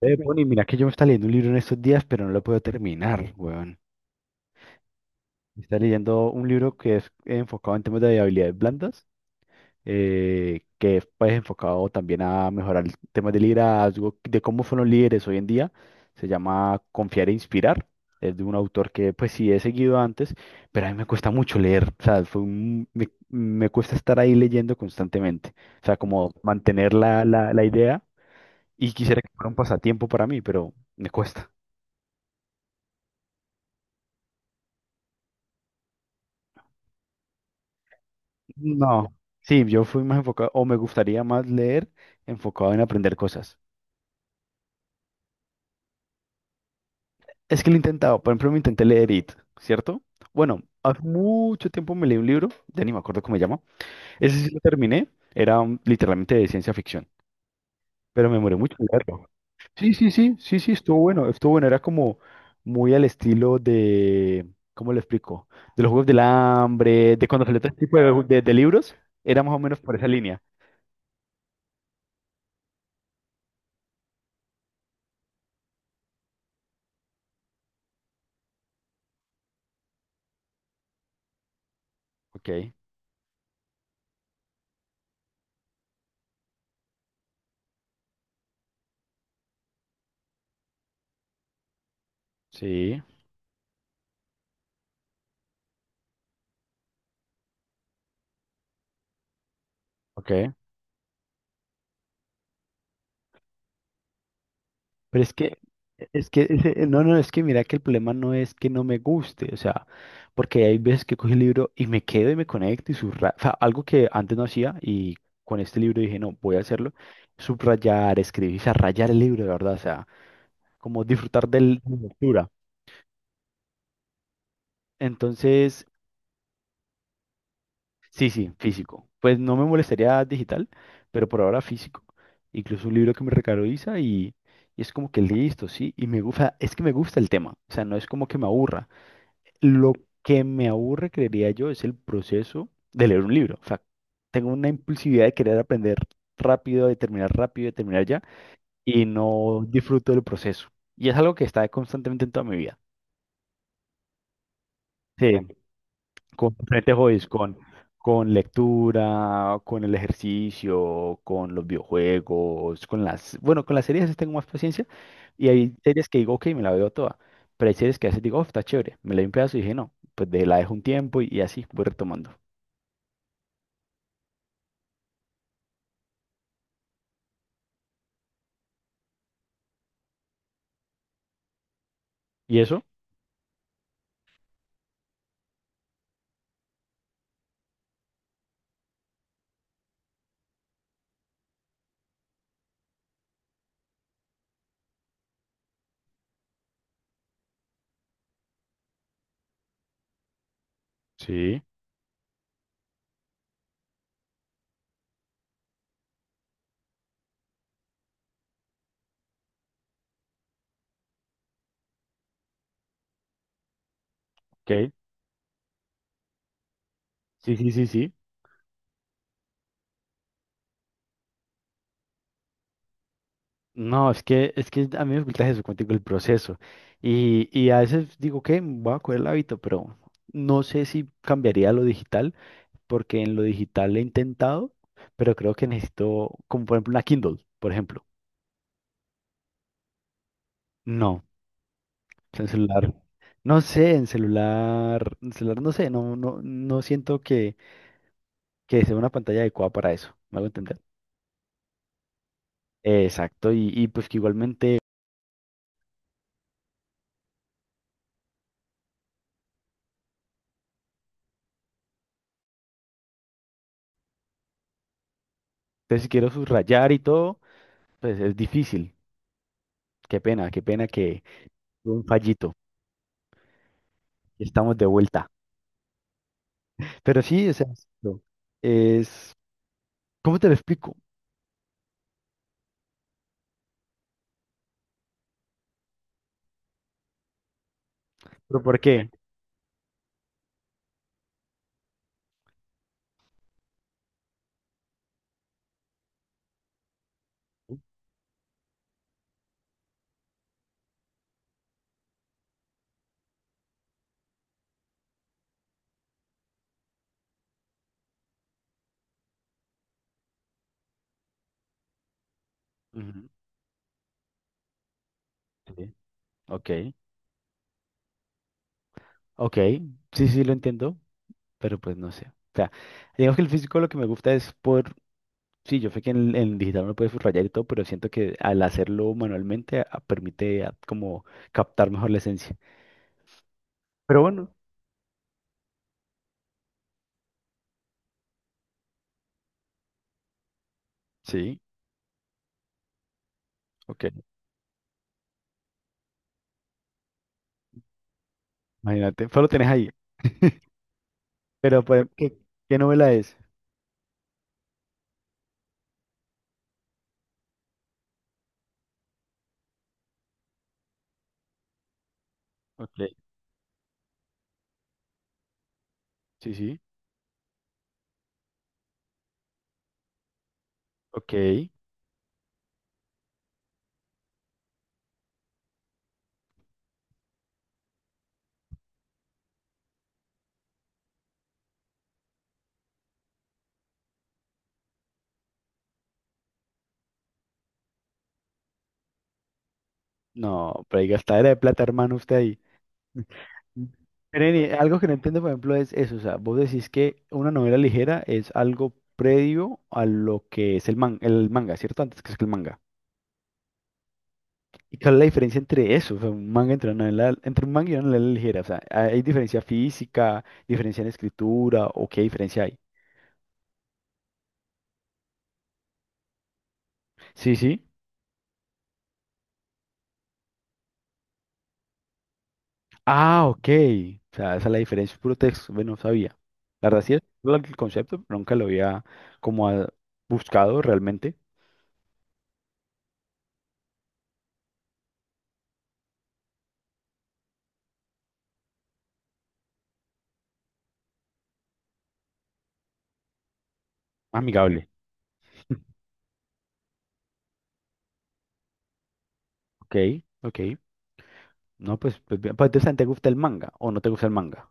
Bueno, y mira que yo me estaba leyendo un libro en estos días, pero no lo puedo terminar, weón. Me está leyendo un libro que es enfocado en temas de habilidades blandas, que es pues, enfocado también a mejorar el tema de liderazgo, de cómo son los líderes hoy en día. Se llama Confiar e Inspirar. Es de un autor que pues sí he seguido antes, pero a mí me cuesta mucho leer. O sea, me cuesta estar ahí leyendo constantemente. O sea, como mantener la idea y quisiera que fuera un pasatiempo para mí, pero me cuesta. No, sí, yo fui más enfocado, o me gustaría más leer enfocado en aprender cosas. Es que lo he intentado, por ejemplo, me intenté leer It, ¿cierto? Bueno, hace mucho tiempo me leí un libro, ya ni me acuerdo cómo se llama, ese sí lo terminé, era literalmente de ciencia ficción, pero me demoré mucho en leerlo. Sí, sí, sí, sí, sí, estuvo bueno, era como muy al estilo de, ¿cómo lo explico? De los Juegos del Hambre, de cuando salió este tipo de, de libros, era más o menos por esa línea. Ok, sí, ok. Pero es que, no, no, es que mira que el problema no es que no me guste, o sea, porque hay veces que cojo el libro y me quedo y me conecto y subrayo, o sea, algo que antes no hacía y con este libro dije, no, voy a hacerlo, subrayar, escribir, o sea, rayar el libro, de verdad, o sea, como disfrutar de la lectura. Entonces, sí, sí, físico. Pues no me molestaría digital, pero por ahora físico. Incluso un libro que me regaló Isa y es como que listo, sí, y me gusta, es que me gusta el tema, o sea, no es como que me aburra. Lo que me aburre, creería yo, es el proceso de leer un libro. O sea, tengo una impulsividad de querer aprender rápido, de terminar ya, y no disfruto del proceso. Y es algo que está constantemente en toda mi vida. Sí, con diferentes hobbies, con lectura, con el ejercicio, con los videojuegos, con las, bueno, con las series sí tengo más paciencia. Y hay series que digo, ok, me la veo toda. Pero hay series que a veces digo, oh, está chévere. Me la doy un pedazo y dije, no, pues de la dejo un tiempo y así voy retomando. ¿Y eso? Sí, ok. Sí, sí, sí, sí. No, es que a mí me gusta eso, contigo el proceso. Y a veces digo que voy a coger el hábito, pero no sé si cambiaría a lo digital, porque en lo digital he intentado, pero creo que necesito, como por ejemplo una Kindle, por ejemplo. No, en celular. No sé, en celular no sé, no, no, no siento que sea una pantalla adecuada para eso. ¿Me hago entender? Exacto, y pues que igualmente, entonces si quiero subrayar y todo. Pues es difícil. Qué pena que fue un fallito. Estamos de vuelta. Pero sí, o sea, es- ¿cómo te lo explico? ¿Pero por qué? Ujú, sí, ok, ok, sí, sí, lo entiendo, pero pues no sé. O sea, digamos que el físico lo que me gusta es por, sí, yo sé que en digital uno puede subrayar y todo, pero siento que al hacerlo manualmente permite como captar mejor la esencia. Pero bueno, sí, ok, imagínate, solo tenés ahí. Pero pues, ¿qué novela es? Ok, sí, sí. Ok, no, pero hay gastadera de plata, hermano, usted ahí. Nene, algo que no entiendo, por ejemplo, es eso, o sea, vos decís que una novela ligera es algo previo a lo que es el manga, ¿cierto? Antes que es el manga. ¿Y cuál es la diferencia entre eso? O sea, un manga entre una novela, entre un manga y una novela ligera, o sea, ¿hay diferencia física, diferencia en escritura o qué diferencia hay? Sí, sí. Ah, ok. O sea, esa es la diferencia, es puro texto. Bueno, no sabía. La verdad sí es el concepto, pero nunca lo había como buscado realmente. Amigable. Ok, ok. No, pues, pues, bien. Pues, entonces, ¿te gusta el manga o no te gusta el manga?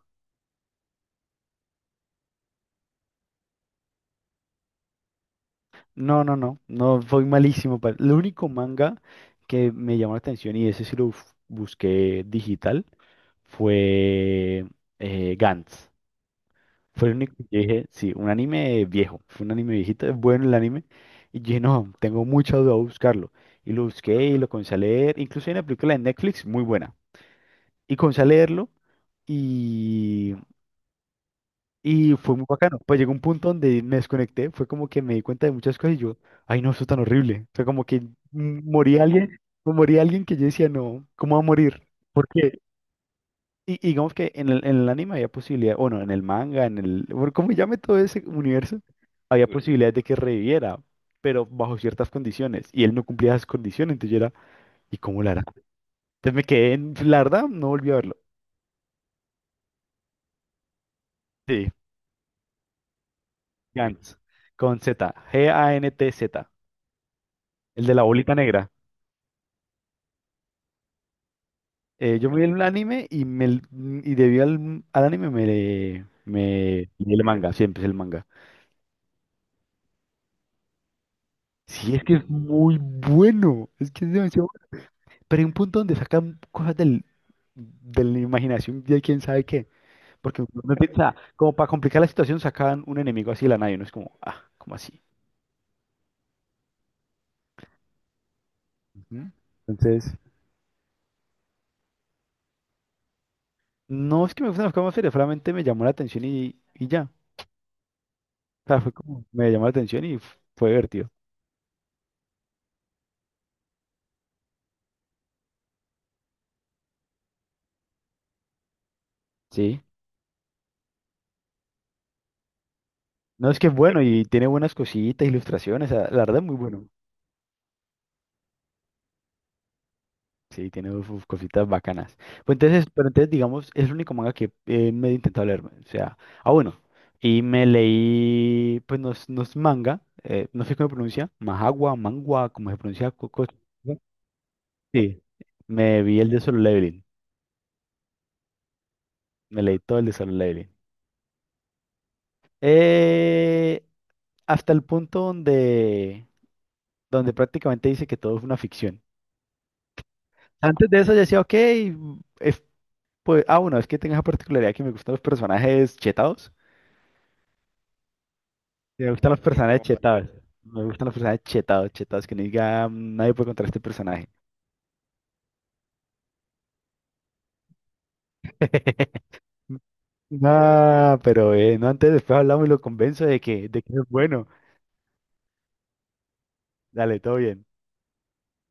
No, no, no. No, fue malísimo. Lo único manga que me llamó la atención y ese sí lo busqué digital fue Gantz. Fue el único que yo dije, sí, un anime viejo. Fue un anime viejito, es bueno el anime. Y yo dije, no, tengo mucha duda de buscarlo. Y lo busqué y lo comencé a leer. Incluso hay una película de Netflix muy buena. Y comencé a leerlo y y fue muy bacano. Pues llegó un punto donde me desconecté, fue como que me di cuenta de muchas cosas y yo, ay no, eso es tan horrible. O sea, como que moría alguien, o moría alguien que yo decía, no, ¿cómo va a morir? Porque, y digamos que en el anime había posibilidad, bueno, en el manga, en el, bueno, como llame todo ese universo, había Ujú. Posibilidades de que reviviera, pero bajo ciertas condiciones. Y él no cumplía esas condiciones, entonces yo era, ¿y cómo la hará? Entonces me quedé en, la verdad, no volví a verlo. Sí, Gantz, con Z, GANTZ, el de la bolita negra. Yo me vi el anime y debido al anime me leí el manga, siempre es el manga. Sí, es que es muy bueno, es que es demasiado bueno. Pero hay un punto donde sacan cosas del, de la imaginación de quién sabe qué. Porque uno piensa, como para complicar la situación, sacan un enemigo así de la nada y uno es como, ah, ¿cómo así? Ujú. Entonces, no es que me gusten las cosas más serias, solamente me llamó la atención y ya. O sea, fue como, me llamó la atención y fue divertido. Sí. No, es que es bueno y tiene buenas cositas, ilustraciones, la verdad es muy bueno. Sí, tiene uf, cositas bacanas. Pues entonces, pero entonces, digamos, es el único manga que me he intentado leerme. O sea, ah, bueno. Y me leí, pues no es, no es manga, no sé cómo se pronuncia, Mahagua, Mangua, cómo se pronuncia. ¿No? Sí, me vi el de Solo Leveling. Me leí todo el de Solo Leveling. Eh, hasta el punto donde, donde prácticamente dice que todo es una ficción. Antes de eso ya decía, ok, es- pues, ah, bueno, es que tengo esa particularidad que me gustan los personajes chetados. Sí, me gustan los personajes como chetados. Me gustan los personajes chetados, chetados, que no diga "Mm, nadie puede contra este personaje. No, pero no antes, después hablamos y lo convenzo de que es bueno. Dale, todo bien.